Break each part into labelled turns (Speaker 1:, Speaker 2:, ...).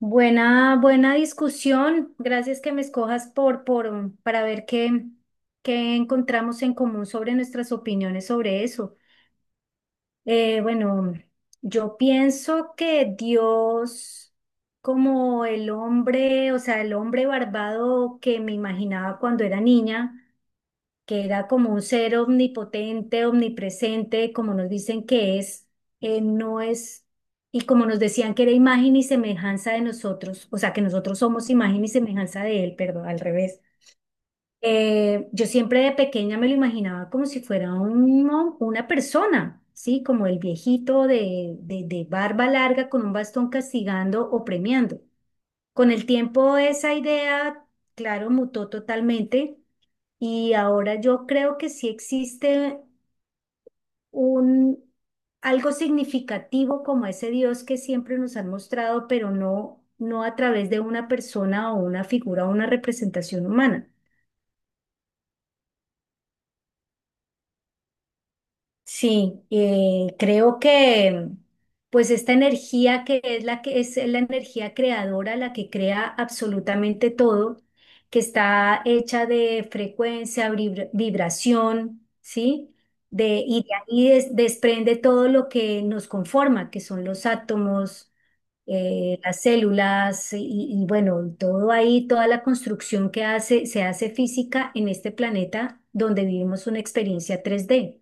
Speaker 1: Buena, buena discusión. Gracias que me escojas para ver qué encontramos en común sobre nuestras opiniones sobre eso. Bueno, yo pienso que Dios, como el hombre, o sea, el hombre barbado que me imaginaba cuando era niña, que era como un ser omnipotente, omnipresente, como nos dicen que es, no es, y como nos decían que era imagen y semejanza de nosotros, o sea, que nosotros somos imagen y semejanza de él, perdón, al revés. Yo siempre de pequeña me lo imaginaba como si fuera un una persona, ¿sí? Como el viejito de barba larga con un bastón castigando o premiando. Con el tiempo esa idea, claro, mutó totalmente y ahora yo creo que sí existe un algo significativo como ese Dios que siempre nos han mostrado, pero no a través de una persona o una figura o una representación humana. Sí, creo que pues esta energía que es la energía creadora, la que crea absolutamente todo, que está hecha de frecuencia, vibración, ¿sí? Y de ahí desprende todo lo que nos conforma, que son los átomos, las células y bueno, todo ahí, toda la construcción que hace, se hace física en este planeta donde vivimos una experiencia tres d.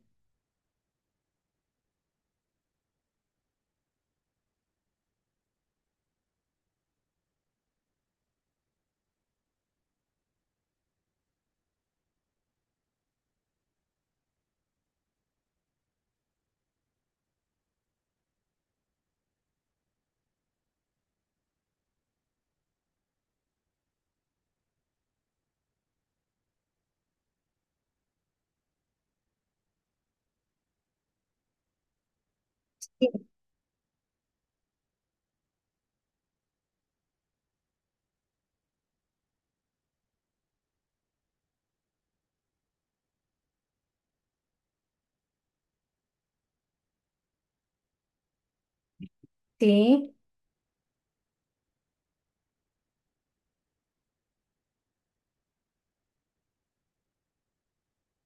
Speaker 1: Sí,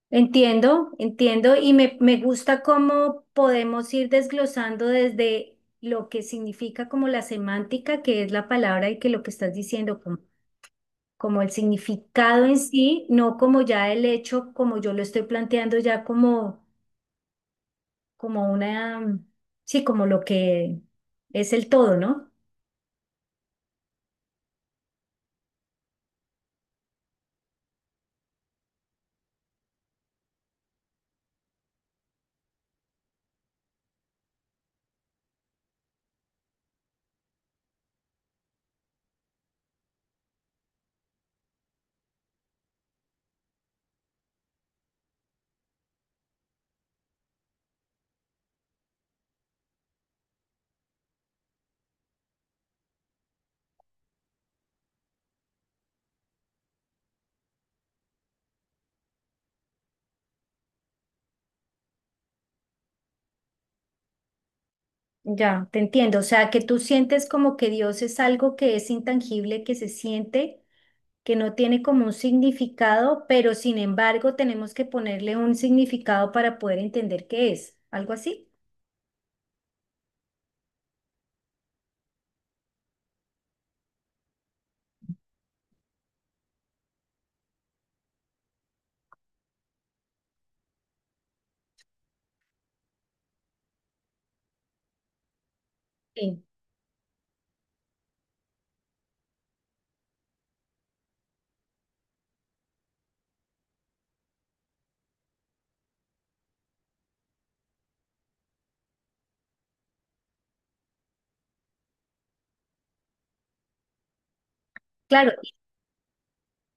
Speaker 1: entiendo, entiendo y me gusta cómo podemos ir desglosando desde lo que significa como la semántica, que es la palabra y que lo que estás diciendo, como, como el significado en sí, no como ya el hecho, como yo lo estoy planteando ya como, como una, sí, como lo que es el todo, ¿no? Ya, te entiendo. O sea, que tú sientes como que Dios es algo que es intangible, que se siente que no tiene como un significado, pero sin embargo tenemos que ponerle un significado para poder entender qué es, algo así. Sí. Claro,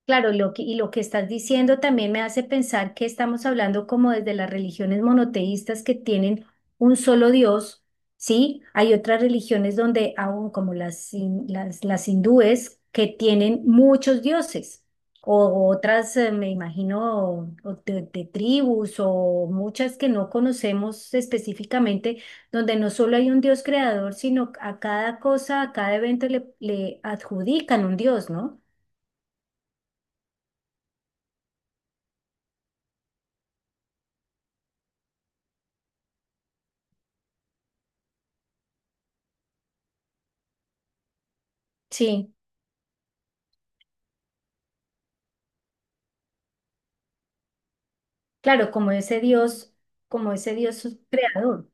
Speaker 1: claro, y lo que estás diciendo también me hace pensar que estamos hablando como desde las religiones monoteístas que tienen un solo Dios, ¿sí? Hay otras religiones donde aún como las hindúes que tienen muchos dioses, o otras, me imagino, o de tribus o muchas que no conocemos específicamente, donde no solo hay un Dios creador, sino a cada cosa, a cada evento le adjudican un Dios, ¿no? Sí. Claro, como ese Dios creador.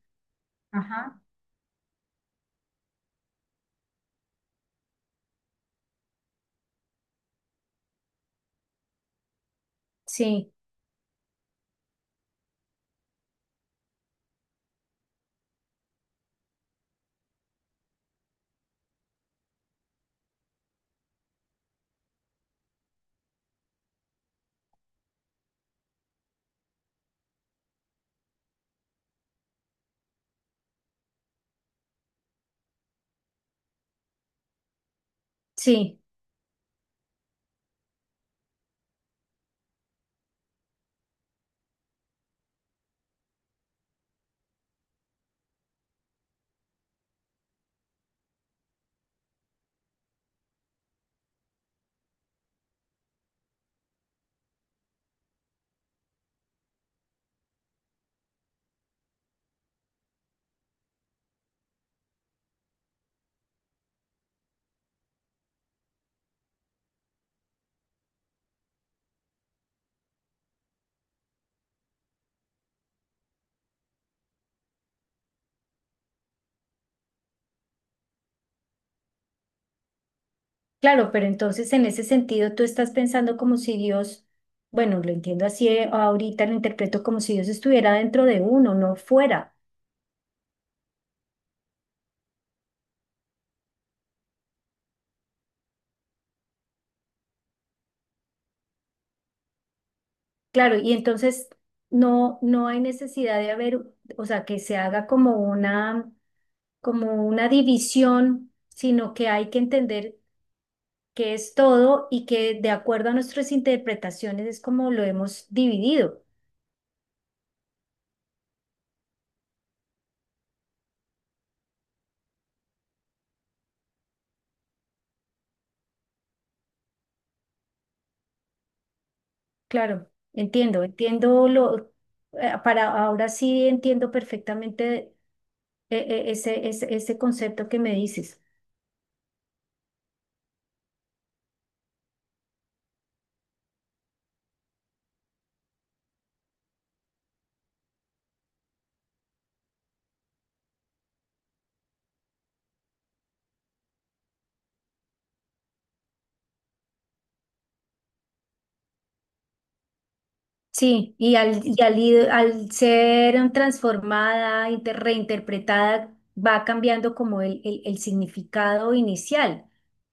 Speaker 1: Ajá. Sí, sí, claro, pero entonces en ese sentido tú estás pensando como si Dios, bueno, lo entiendo así, ahorita, lo interpreto como si Dios estuviera dentro de uno, no fuera. Claro, y entonces no, no hay necesidad de haber, o sea, que se haga como una división, sino que hay que entender que es todo y que de acuerdo a nuestras interpretaciones es como lo hemos dividido. Claro, entiendo, entiendo lo, para ahora sí entiendo perfectamente ese concepto que me dices. Sí, al ser transformada, reinterpretada, va cambiando como el significado inicial.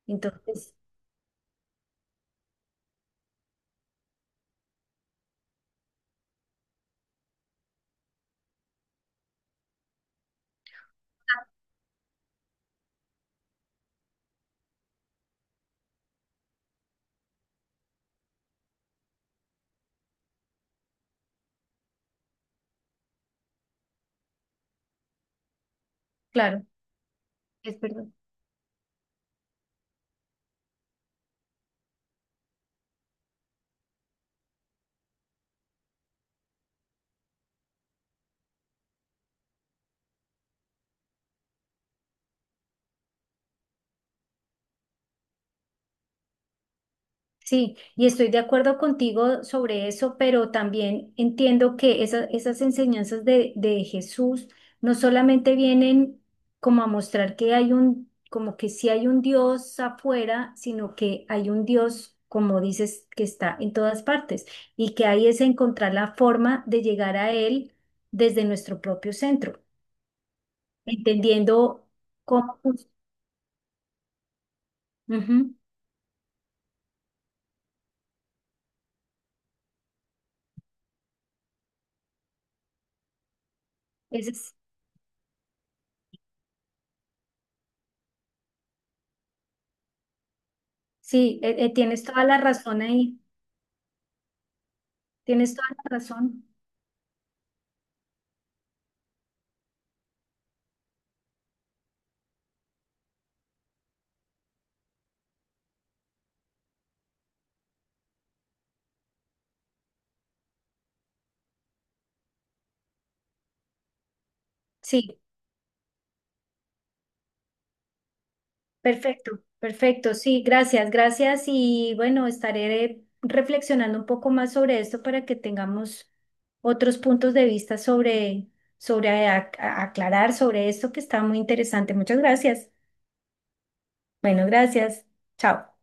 Speaker 1: Entonces, claro, es verdad. Sí, y estoy de acuerdo contigo sobre eso, pero también entiendo que esas enseñanzas de Jesús no solamente vienen como a mostrar que hay un, como que sí hay un Dios afuera, sino que hay un Dios, como dices, que está en todas partes y que ahí es encontrar la forma de llegar a Él desde nuestro propio centro, entendiendo cómo... Ujú, ese es- sí, tienes toda la razón ahí, tienes toda la razón. Sí, perfecto, perfecto. Sí, gracias, gracias. Y bueno, estaré reflexionando un poco más sobre esto para que tengamos otros puntos de vista sobre, sobre aclarar sobre esto que está muy interesante. Muchas gracias. Bueno, gracias. Chao.